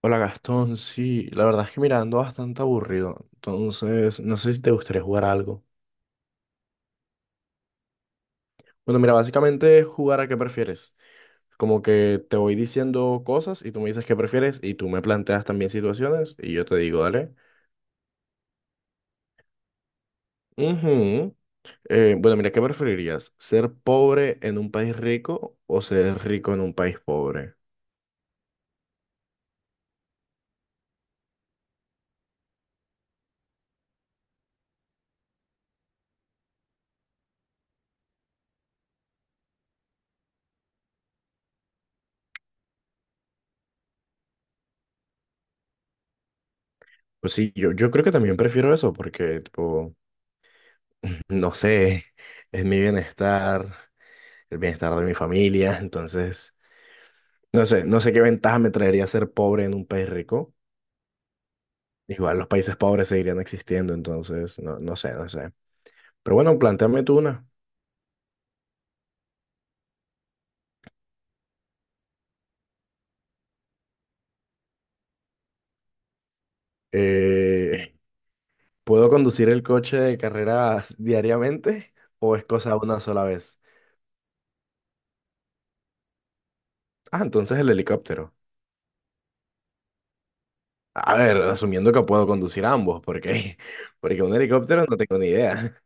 Hola Gastón, sí, la verdad es que mira, ando bastante aburrido, entonces no sé si te gustaría jugar a algo. Bueno, mira, básicamente es jugar a qué prefieres. Como que te voy diciendo cosas y tú me dices qué prefieres y tú me planteas también situaciones y yo te digo, dale. Ujú. Bueno, mira, ¿qué preferirías? ¿Ser pobre en un país rico o ser rico en un país pobre? Pues sí, yo creo que también prefiero eso porque, tipo, no sé, es mi bienestar, el bienestar de mi familia, entonces... No sé, no sé qué ventaja me traería ser pobre en un país rico. Igual los países pobres seguirían existiendo, entonces no, no sé, no sé. Pero bueno, plantéame tú una. Eh, ¿Puedo conducir el coche de carreras diariamente o es cosa una sola vez? Ah, entonces el helicóptero. A ver, asumiendo que puedo conducir ambos, porque porque un helicóptero no tengo ni idea.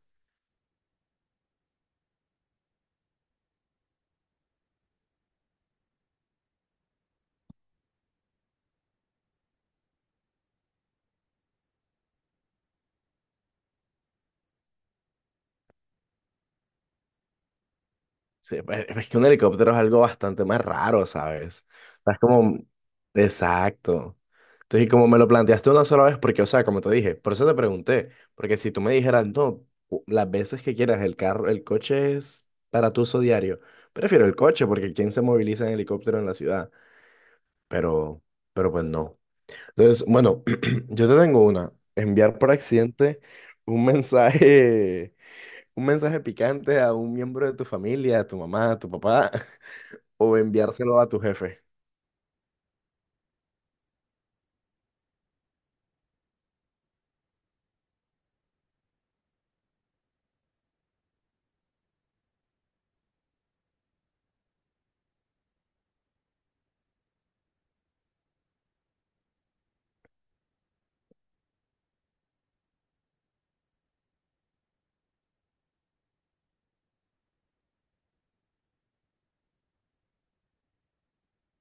Sí, pues, es que un helicóptero es algo bastante más raro, ¿sabes? O sea, es como... Exacto. Entonces, y como me lo planteaste una sola vez, porque, o sea, como te dije, por eso te pregunté, porque si tú me dijeras, no, las veces que quieras, el carro, el coche es para tu uso diario, prefiero el coche, porque ¿quién se moviliza en helicóptero en la ciudad? Pero, pero pues no. Entonces, bueno, yo te tengo una, enviar por accidente un mensaje, un mensaje picante a un miembro de tu familia, a tu mamá, a tu papá o enviárselo a tu jefe.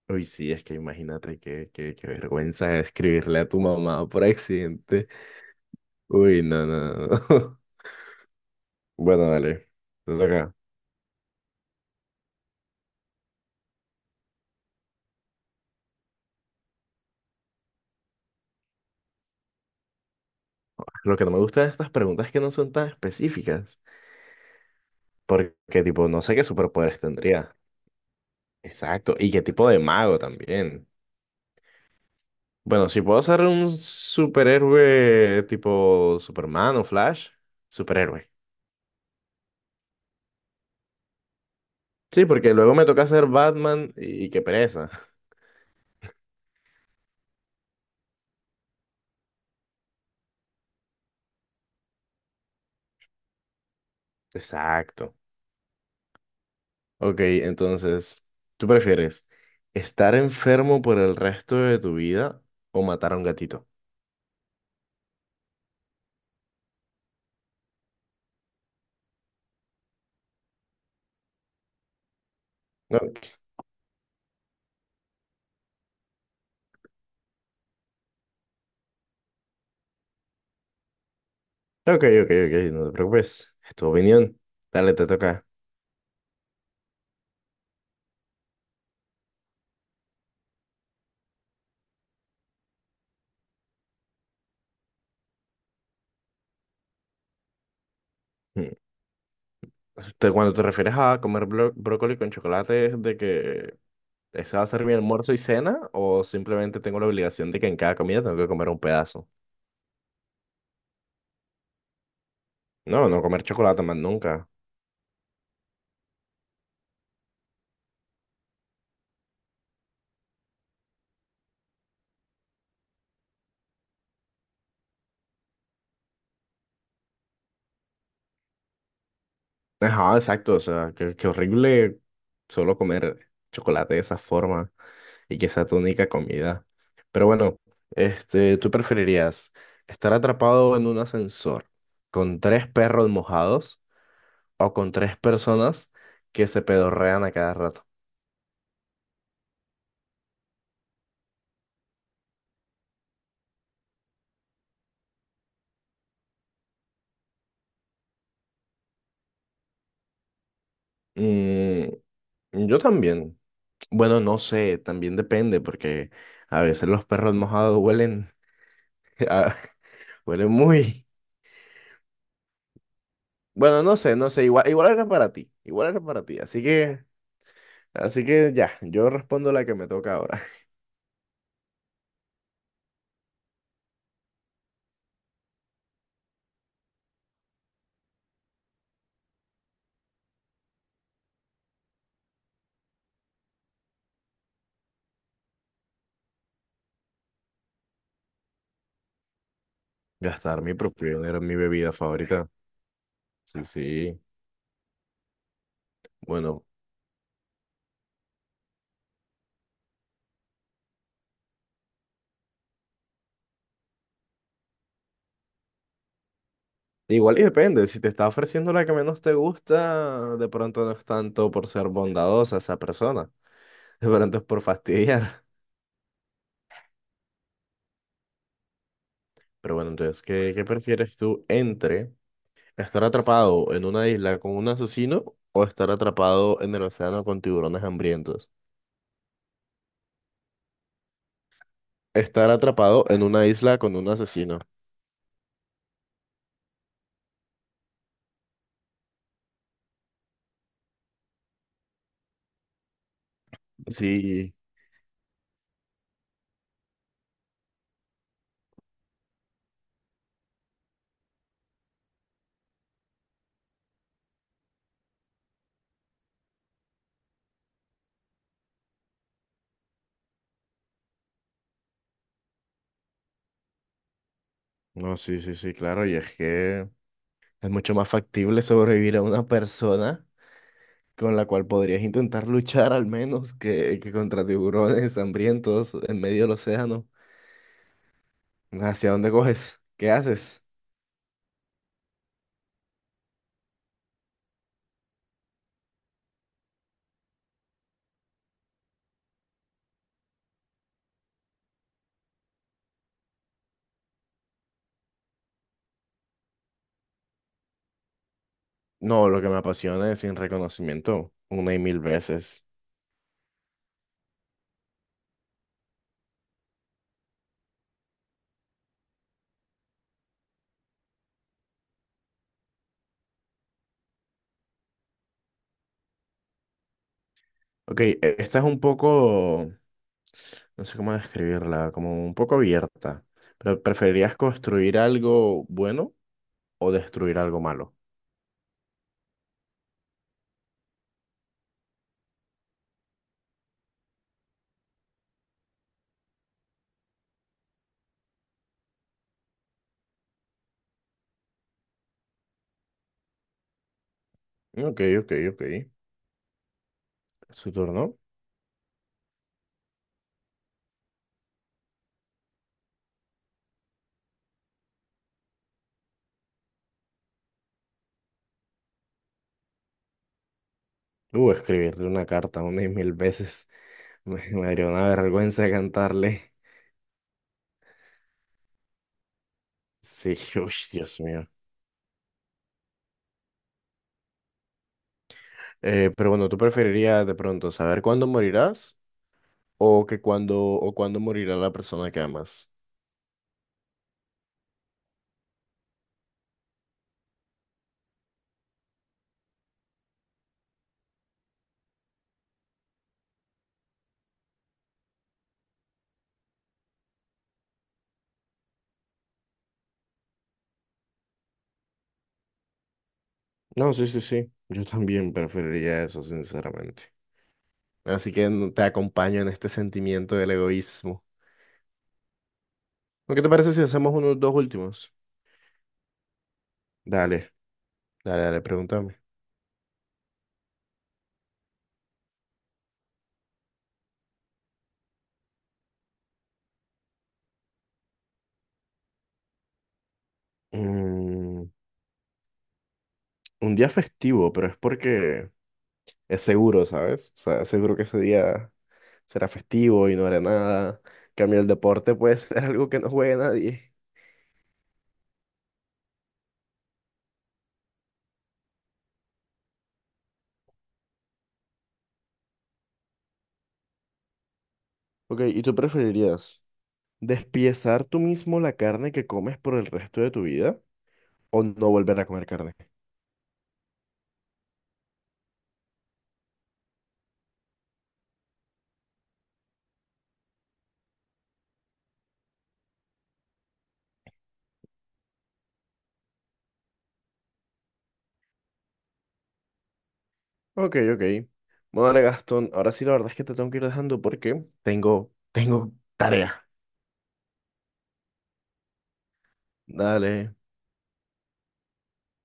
Uy, sí, es que imagínate qué, qué vergüenza escribirle a tu mamá por accidente. Uy, no, no, no. Bueno, dale. Te toca. Lo que no me gusta de estas preguntas es que no son tan específicas. Porque, tipo, no sé qué superpoderes tendría. Exacto. Y qué tipo de mago también. Bueno, si puedo ser un superhéroe tipo Superman o Flash, superhéroe. Sí, porque luego me toca ser Batman y qué pereza. Exacto. Ok, entonces, ¿tú prefieres estar enfermo por el resto de tu vida o matar a un gatito? No. Ok, ok, ok, ok, no te preocupes. Es tu opinión. Dale, te toca. Mm. Cuando te refieres a comer brócoli con chocolate, ¿es de que ese va a ser mi almuerzo y cena? ¿O simplemente tengo la obligación de que en cada comida tengo que comer un pedazo? No, no comer chocolate más nunca. Ajá, exacto, o sea, qué, horrible solo comer chocolate de esa forma y que sea tu única comida. Pero bueno, este, ¿tú preferirías estar atrapado en un ascensor con tres perros mojados o con tres personas que se pedorrean a cada rato? Mm, yo también. Bueno, no sé, también depende porque a veces los perros mojados huelen, a- huelen muy... Bueno, no sé, no sé, igual, igual era para ti, igual era para ti, así que ya, yo respondo la que me toca ahora. Gastar mi propio dinero en mi bebida favorita. Sí, sí. Bueno, igual y depende. Si te está ofreciendo la que menos te gusta, de pronto no es tanto por ser bondadosa esa persona. De pronto es por fastidiar. Pero bueno, entonces, qué, prefieres tú entre estar atrapado en una isla con un asesino o estar atrapado en el océano con tiburones hambrientos? Estar atrapado en una isla con un asesino. Sí, no, sí, sí, sí, claro. Y es que es mucho más factible sobrevivir a una persona con la cual podrías intentar luchar al menos que contra tiburones hambrientos en medio del océano. ¿Hacia dónde coges? ¿Qué haces? No, lo que me apasiona es sin reconocimiento, una y mil veces. Ok, esta es un poco, no sé cómo describirla, como un poco abierta, pero ¿preferirías construir algo bueno o destruir algo malo? Ok, ok, ok. ¿Su turno? Escribirle una carta una y mil veces. Me daría una vergüenza cantarle. Sí, uy, Dios mío. Pero bueno, ¿tú preferirías de pronto saber cuándo morirás o que cuándo o cuándo morirá la persona que amas? No, sí, sí, sí. Yo también preferiría eso, sinceramente. Así que te acompaño en este sentimiento del egoísmo. ¿No? ¿Qué te parece si hacemos unos dos últimos? Dale, dale, dale, pregúntame. Mm, un día festivo, pero es porque es seguro, ¿sabes? O sea, seguro que ese día será festivo y no hará nada. En cambio el deporte puede ser algo que no juegue nadie. Ok, ¿y tú preferirías despiezar tú mismo la carne que comes por el resto de tu vida o no volver a comer carne? Ok, ok. Bueno, dale, Gastón, ahora sí la verdad es que te tengo que ir dejando porque tengo tarea. Dale.